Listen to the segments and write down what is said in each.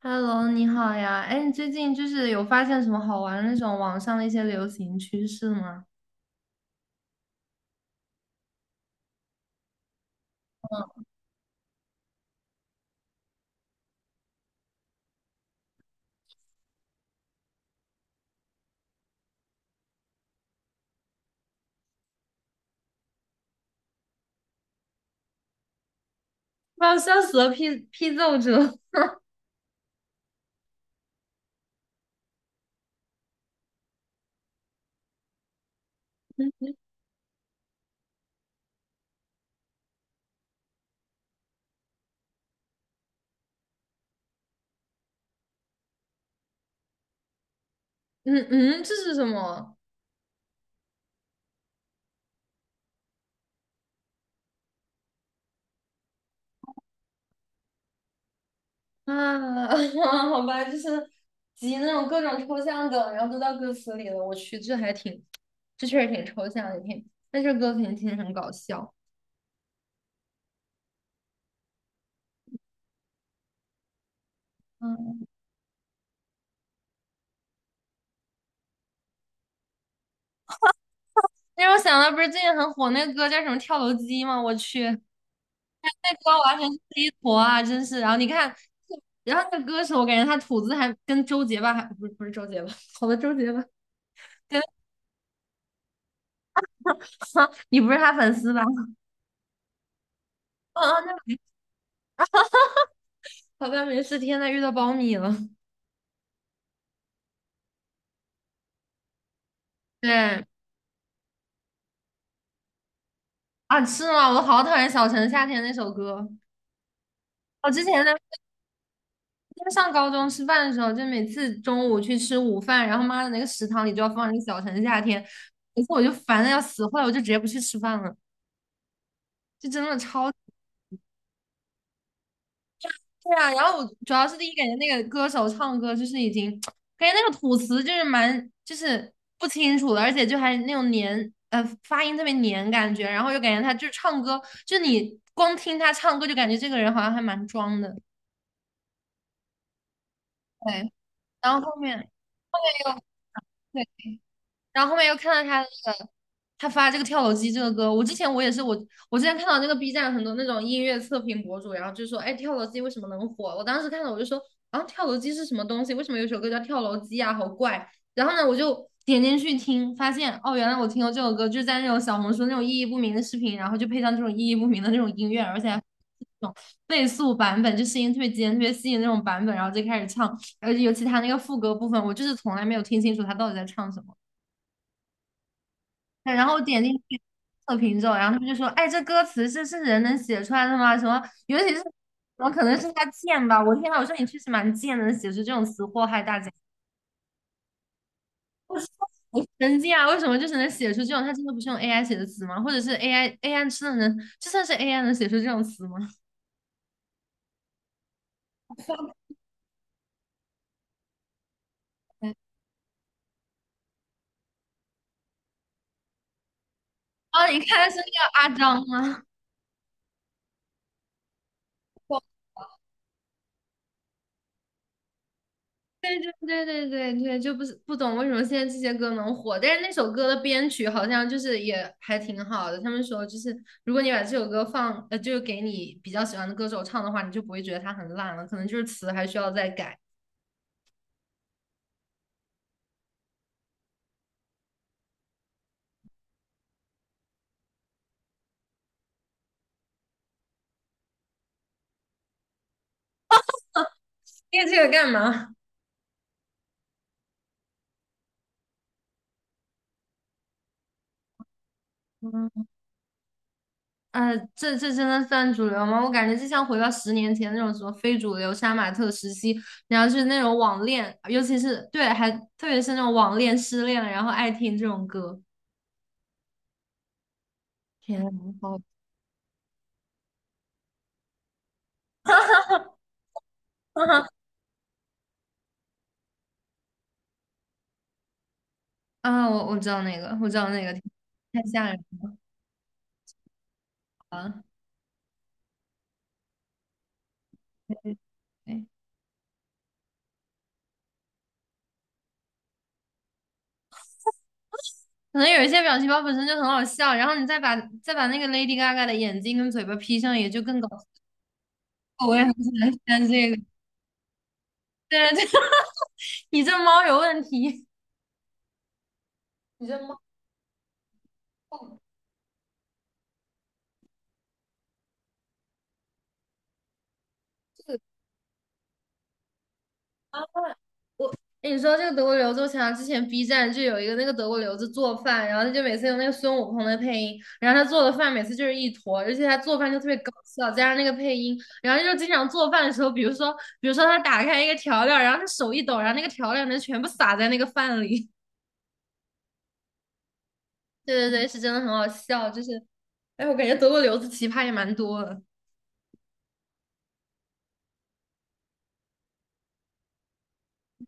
Hello，你好呀。哎，你最近就是有发现什么好玩的那种网上的一些流行趋势吗？哇，笑死了！批批奏折 嗯嗯，这是什么？啊，好吧，就是集那种各种抽象梗，然后都到歌词里了。我去，这还挺，这确实挺抽象的，也挺，但是歌定听着很搞笑。嗯，那让我想到不是最近很火那个歌叫什么《跳楼机》吗？我去，那歌完全是一坨啊，真是。然后你看，然后那个歌手，我感觉他吐字还跟周杰吧，还不是周杰吧，好的周杰吧，跟 你不是他粉丝吧？啊嗯，那没好像没事。天呐，遇到苞米了。对啊，是吗？我好讨厌小城夏天那首歌。我之前呢，就上高中吃饭的时候，就每次中午去吃午饭，然后妈的那个食堂里就要放那个小城夏天，每次我就烦的要死，后来我就直接不去吃饭了，就真的超对啊，然后我主要是第一感觉那个歌手唱歌就是已经，感觉那个吐词就是蛮就是不清楚的，而且就还那种黏发音特别黏感觉，然后又感觉他就是唱歌，就你光听他唱歌就感觉这个人好像还蛮装的，对，然后后面又对，然后后面又看到他发这个跳楼机这个歌，我之前我也是我我之前看到那个 B 站很多那种音乐测评博主，然后就说，哎，跳楼机为什么能火？我当时看到我就说，啊，跳楼机是什么东西？为什么有首歌叫跳楼机啊？好怪。然后呢，我就点进去听，发现哦，原来我听过这首歌，就是在那种小红书那种意义不明的视频，然后就配上这种意义不明的那种音乐，而且还。那种倍速版本，就声音特别尖、特别细的那种版本，然后就开始唱，而且尤其他那个副歌部分，我就是从来没有听清楚他到底在唱什么。对然后我点进去测评之后，然后他们就说："哎，这歌词这是人能写出来的吗？什么，尤其是怎么可能是他贱吧？我天呐，我说你确实蛮贱的，能写出这种词祸害大家。我说我神经啊！为什么就是能写出这种？他真的不是用 AI 写的词吗？或者是 AI 真的能，就算是 AI 能写出这种词吗？啊！你后一看是那个阿张吗？对，就不是不懂为什么现在这些歌能火，但是那首歌的编曲好像就是也还挺好的。他们说就是，如果你把这首歌放，就是给你比较喜欢的歌手唱的话，你就不会觉得它很烂了，可能就是词还需要再改。练这个干嘛？嗯，这这真的算主流吗？我感觉就像回到10年前那种什么非主流、杀马特时期，然后是那种网恋，尤其是对，还特别是那种网恋、失恋，然后爱听这种歌。天呐，好。啊，我知道那个，我知道那个，太吓人了。对，可能有一些表情包本身就很好笑，然后你再把再把那个 Lady Gaga 的眼睛跟嘴巴 P 上，也就更搞笑。我也很喜欢看这个。对对，你这猫有问题，你这猫。哎，你说这个德国留子，我想到之前 B 站就有一个那个德国留子做饭，然后他就每次用那个孙悟空的配音，然后他做的饭每次就是一坨，而且他做饭就特别搞笑，加上那个配音，然后就经常做饭的时候，比如说他打开一个调料，然后他手一抖，然后那个调料能全部撒在那个饭里。对对对，是真的很好笑，就是哎，我感觉德国留子奇葩也蛮多的。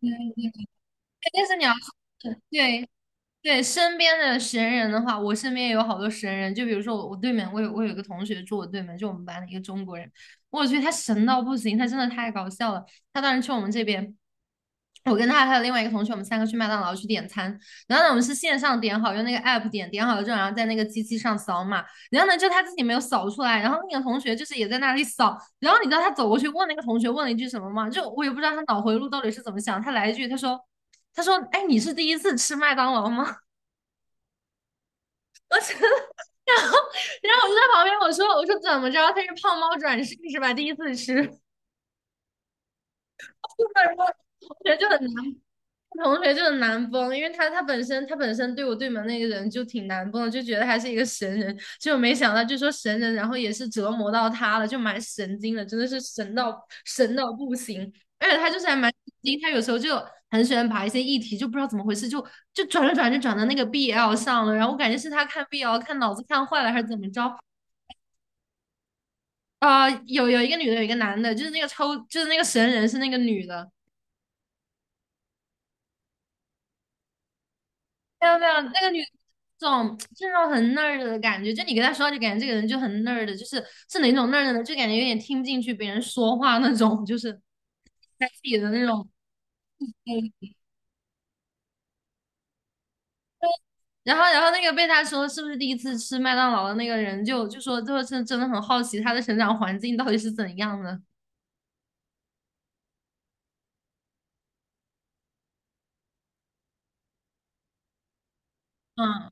对，但是你要说对。对身边的神人的话，我身边也有好多神人。就比如说我，我对面，我有一个同学住我对面，就我们班的一个中国人，我去，他神到不行，他真的太搞笑了。他当时去我们这边，我跟他还有另外一个同学，我们三个去麦当劳去点餐。然后呢，我们是线上点好，用那个 app 点，点好了之后，然后在那个机器上扫码。然后呢，就他自己没有扫出来，然后那个同学就是也在那里扫。然后你知道他走过去问那个同学问了一句什么吗？就我也不知道他脑回路到底是怎么想，他来一句，他说。他说："哎，你是第一次吃麦当劳吗？"然后我就在旁边，我说怎么着，他是胖猫转世是吧？第一次吃，然后同学就很难，同学就很难崩，因为他本身对我对门那个人就挺难崩的，就觉得他是一个神人，结果没想到就说神人，然后也是折磨到他了，就蛮神经的，真的是神到神到不行，而且他就是还蛮神经，他有时候就很喜欢把一些议题就不知道怎么回事，就转着转着转到那个 BL 上了，然后我感觉是他看 BL 看脑子看坏了还是怎么着，啊，有一个女的，有一个男的，就是那个抽，就是那个神人是那个女的，没有没有，那个女这种就是那种很 nerd 的感觉，就你跟她说话就感觉这个人就很 nerd，就是是哪种 nerd 呢？就感觉有点听不进去别人说话那种，就是他自己的那种。嗯，然后那个被他说是不是第一次吃麦当劳的那个人就说，就是真的很好奇他的成长环境到底是怎样的。嗯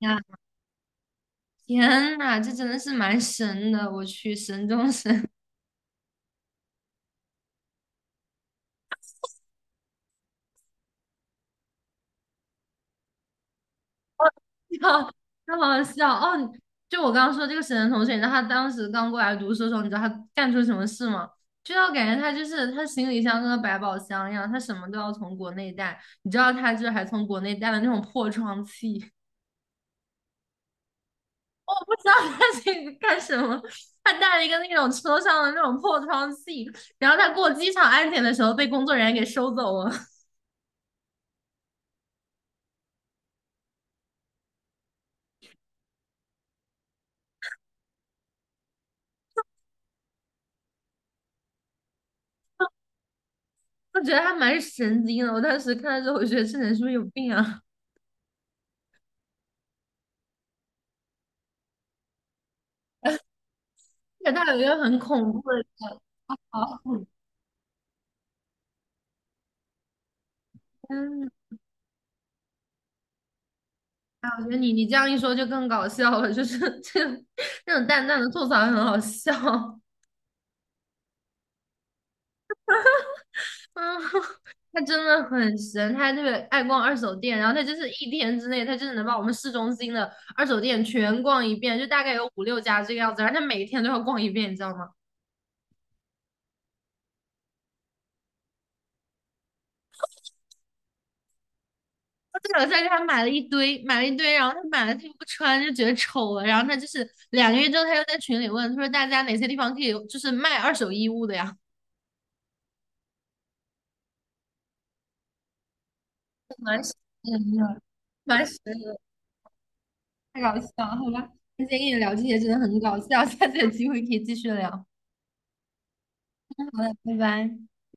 呀，天呐，这真的是蛮神的，我去，神中神。笑，太好笑哦！就我刚刚说这个沈腾同学，你知道他当时刚过来读书的时候，你知道他干出什么事吗？就是我感觉他就是他行李箱跟个百宝箱一样，他什么都要从国内带。你知道他就是还从国内带了那种破窗器，我不知道他这个干什么。他带了一个那种车上的那种破窗器，然后他过机场安检的时候被工作人员给收走了。我觉得他蛮神经的，我当时看到之后，我觉得这人是不是有病啊？而且他有一个很恐怖的。好嗯，哎，我觉得你这样一说就更搞笑了，就是 这那种淡淡的吐槽很好笑。嗯，他真的很神，他还特别爱逛二手店，然后他就是一天之内，他就是能把我们市中心的二手店全逛一遍，就大概有5、6家这个样子，然后他每一天都要逛一遍，你知道吗？他了，个在他买了一堆，买了一堆，然后他买了他又不穿，就觉得丑了，然后他就是2个月之后，他又在群里问，他说大家哪些地方可以就是卖二手衣物的呀？蛮神的，蛮神太搞笑了，好吧，今天跟你聊这些真的很搞笑，下次有机会可以继续聊，好的，拜拜。